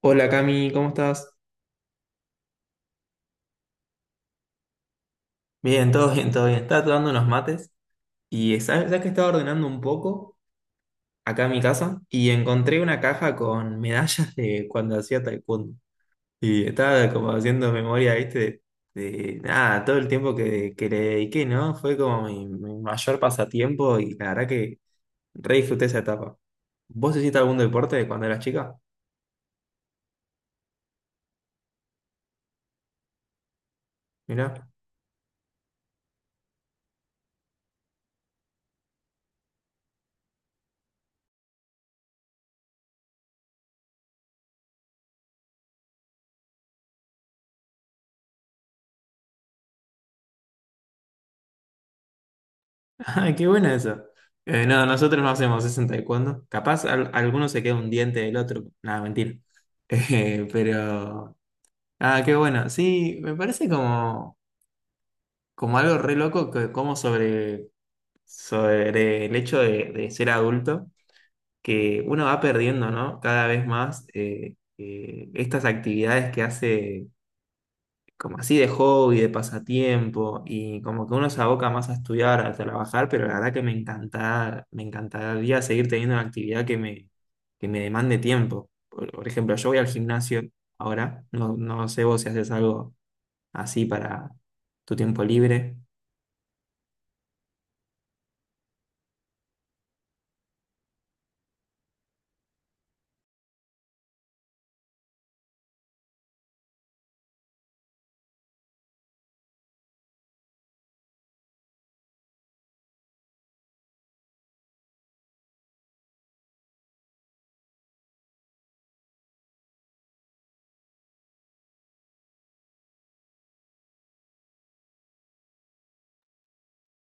Hola Cami, ¿cómo estás? Bien, todo bien, todo bien. Estaba tomando unos mates y sabes que estaba ordenando un poco acá en mi casa y encontré una caja con medallas de cuando hacía taekwondo. Y estaba como haciendo memoria, viste, de nada, todo el tiempo que le dediqué, ¿no? Fue como mi mayor pasatiempo y la verdad que re disfruté esa etapa. ¿Vos hiciste algún deporte cuando eras chica? Mirá. Ah, qué buena esa. No, nosotros no hacemos eso en taekwondo. Capaz alguno se queda un diente del otro. Nada, mentira. Pero. Ah, qué bueno. Sí, me parece como, algo re loco que, como sobre el hecho de ser adulto, que uno va perdiendo, ¿no? Cada vez más estas actividades que hace. Como así de hobby, de pasatiempo, y como que uno se aboca más a estudiar, a trabajar, pero la verdad que me encanta, me encantaría seguir teniendo una actividad que me demande tiempo. Por ejemplo, yo voy al gimnasio ahora, no, no sé vos si haces algo así para tu tiempo libre,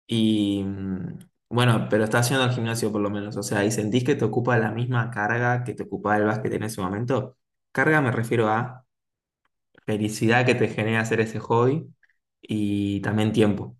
y bueno, pero estás yendo al gimnasio por lo menos, o sea, y sentís que te ocupa la misma carga que te ocupaba el básquet en ese momento. Carga me refiero a felicidad que te genera hacer ese hobby y también tiempo.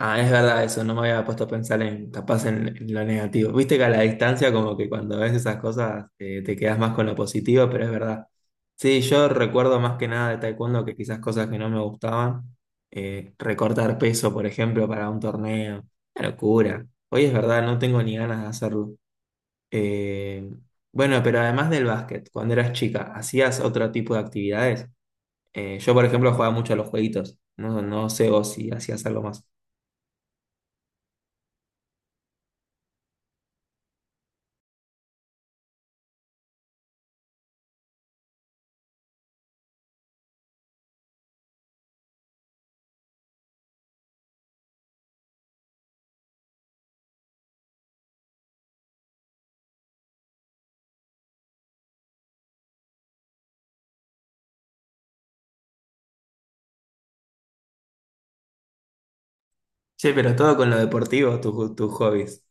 Ah, es verdad eso, no me había puesto a pensar en capaz en lo negativo. Viste que a la distancia como que cuando ves esas cosas te quedas más con lo positivo, pero es verdad. Sí, yo recuerdo más que nada de taekwondo que quizás cosas que no me gustaban, recortar peso, por ejemplo, para un torneo, una locura. Hoy es verdad, no tengo ni ganas de hacerlo. Eh, bueno, pero además del básquet, cuando eras chica, ¿hacías otro tipo de actividades? Yo, por ejemplo, jugaba mucho a los jueguitos. No, no sé vos si hacías algo más. Che, pero todo con lo deportivo, tus hobbies.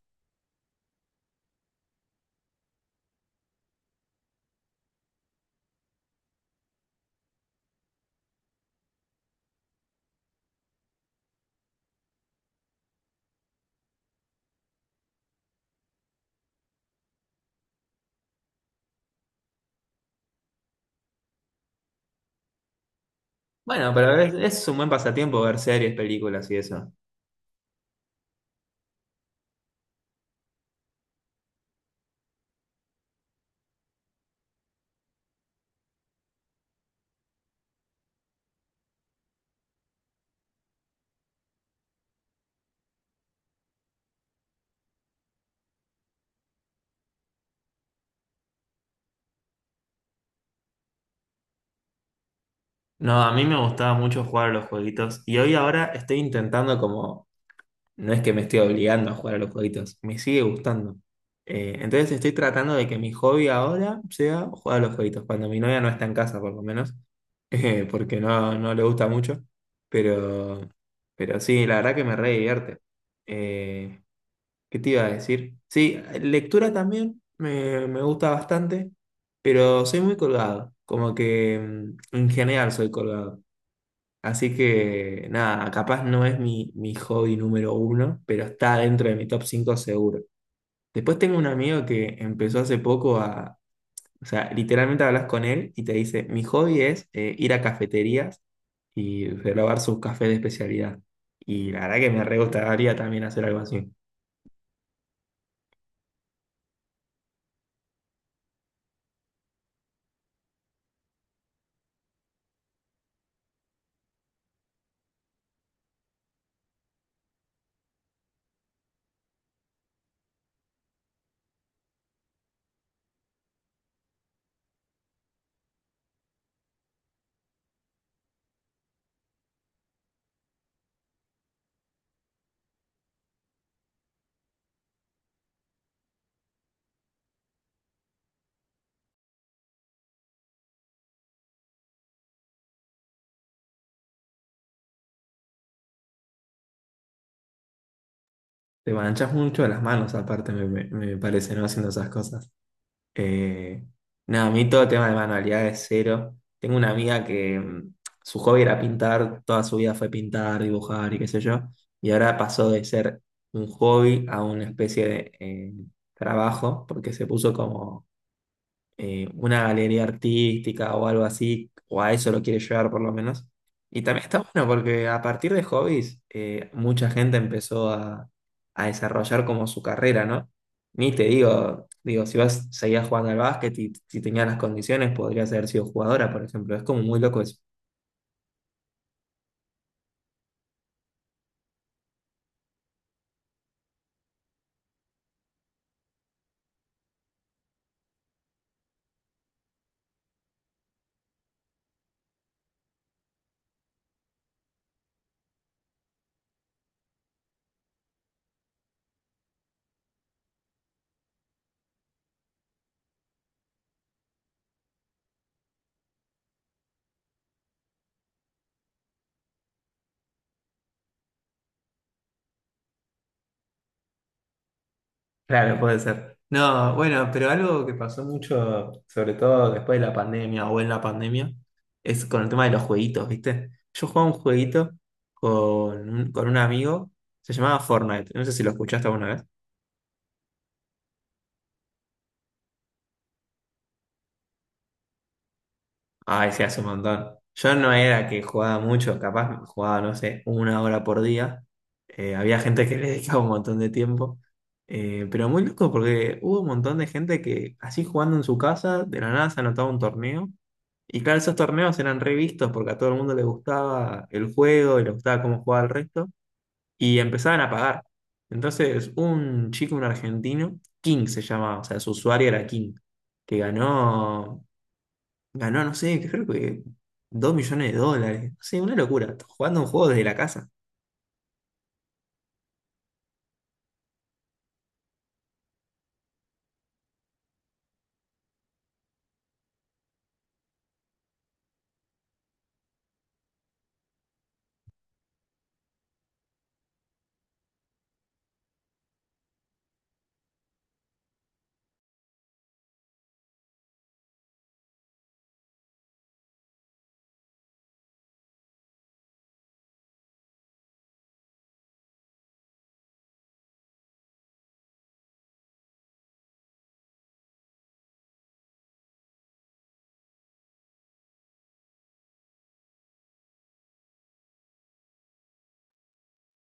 Bueno, pero es un buen pasatiempo ver series, películas y eso. No, a mí me gustaba mucho jugar a los jueguitos y hoy ahora estoy intentando como. No es que me estoy obligando a jugar a los jueguitos, me sigue gustando. Entonces estoy tratando de que mi hobby ahora sea jugar a los jueguitos, cuando mi novia no está en casa por lo menos, porque no, no le gusta mucho, pero, pero sí, la verdad que me re divierte. Eh, ¿Qué te iba a decir? Sí, lectura también me gusta bastante, pero soy muy colgado, como que en general soy colgado. Así que nada, capaz no es mi, mi hobby número uno, pero está dentro de mi top 5 seguro. Después tengo un amigo que empezó hace poco o sea, literalmente hablas con él y te dice, mi hobby es ir a cafeterías y probar sus cafés de especialidad. Y la verdad que me re gustaría también hacer algo así. Te manchas mucho las manos aparte, me parece, ¿no? Haciendo esas cosas. Eh, Nada, a mí todo tema de manualidades cero. Tengo una amiga que su hobby era pintar, toda su vida fue pintar, dibujar y qué sé yo, y ahora pasó de ser un hobby a una especie de trabajo, porque se puso como una galería artística o algo así, o a eso lo quiere llevar por lo menos. Y también está bueno porque a partir de hobbies, mucha gente empezó a desarrollar como su carrera, ¿no? Ni te digo, si vas, seguías jugando al básquet y si tenías las condiciones, podrías haber sido jugadora, por ejemplo. Es como muy loco eso. Claro, puede ser. No, bueno, pero algo que pasó mucho, sobre todo después de la pandemia o en la pandemia, es con el tema de los jueguitos, ¿viste? Yo jugaba un jueguito con un amigo, se llamaba Fortnite, no sé si lo escuchaste alguna. Ay, se hace un montón. Yo no era que jugaba mucho, capaz jugaba, no sé, 1 hora por día. Había gente que le dedicaba un montón de tiempo. Pero muy loco porque hubo un montón de gente que así jugando en su casa, de la nada se anotaba un torneo. Y claro, esos torneos eran revistos porque a todo el mundo le gustaba el juego y le gustaba cómo jugaba el resto. Y empezaban a pagar. Entonces, un chico, un argentino, King se llamaba, o sea, su usuario era King, que ganó. Ganó, no sé, creo que 2 millones de dólares. No sé, una locura. Jugando un juego desde la casa.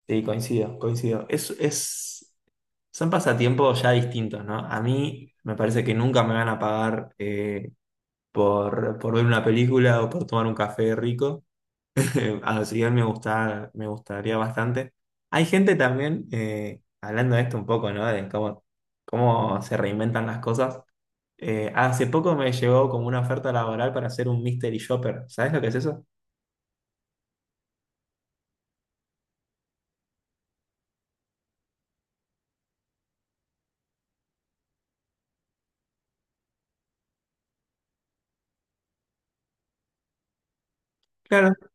Sí, coincido, coincido. Es, son pasatiempos ya distintos, ¿no? A mí me parece que nunca me van a pagar por ver una película o por tomar un café rico. Así que me gusta, me gustaría bastante. Hay gente también, hablando de esto un poco, ¿no? De cómo se reinventan las cosas. Hace poco me llegó como una oferta laboral para hacer un mystery shopper. ¿Sabes lo que es eso? Claro.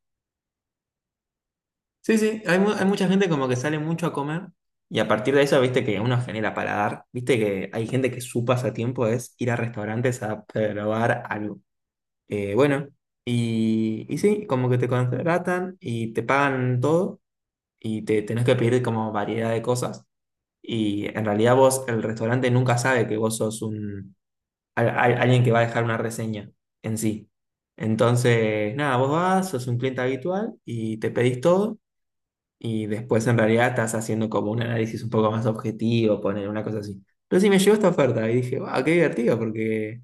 Sí, sí. Hay mucha gente como que sale mucho a comer y a partir de eso, viste que uno genera paladar. Viste que hay gente que su pasatiempo es ir a restaurantes a probar algo. Bueno, y sí, como que te contratan y te pagan todo y te tenés que pedir como variedad de cosas. Y en realidad vos, el restaurante nunca sabe que vos sos alguien que va a dejar una reseña en sí. Entonces, nada, vos vas, sos un cliente habitual y te pedís todo y después en realidad estás haciendo como un análisis un poco más objetivo, poner una cosa así. Entonces sí me llegó esta oferta y dije, wow, qué divertido porque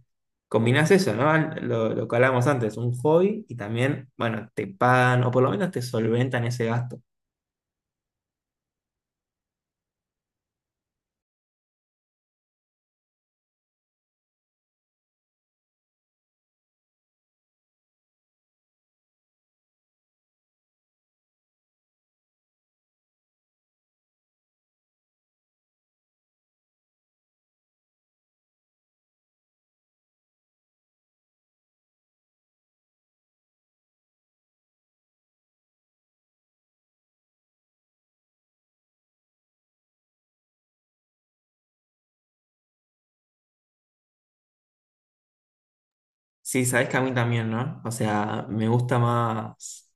combinás eso, ¿no? Lo que hablábamos antes, un hobby y también, bueno, te pagan o por lo menos te solventan ese gasto. Sí, sabes que a mí también, ¿no? O sea, me gusta más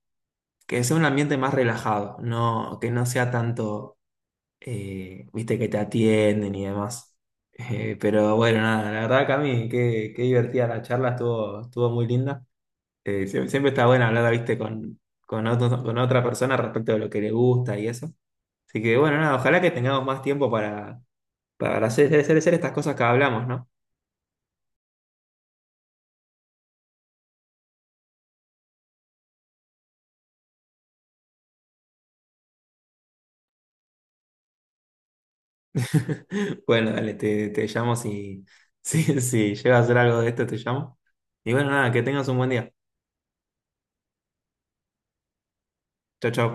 que sea un ambiente más relajado, no, que no sea tanto, viste, que te atienden y demás. Pero bueno, nada, la verdad, Cami, qué divertida la charla, estuvo muy linda. Siempre está bueno hablar, viste, con, con otra persona respecto de lo que le gusta y eso. Así que bueno, nada, ojalá que tengamos más tiempo para, para hacer estas cosas que hablamos, ¿no? Bueno, dale, te llamo si, si llega a hacer algo de esto, te llamo. Y bueno, nada, que tengas un buen día. Chao, chao.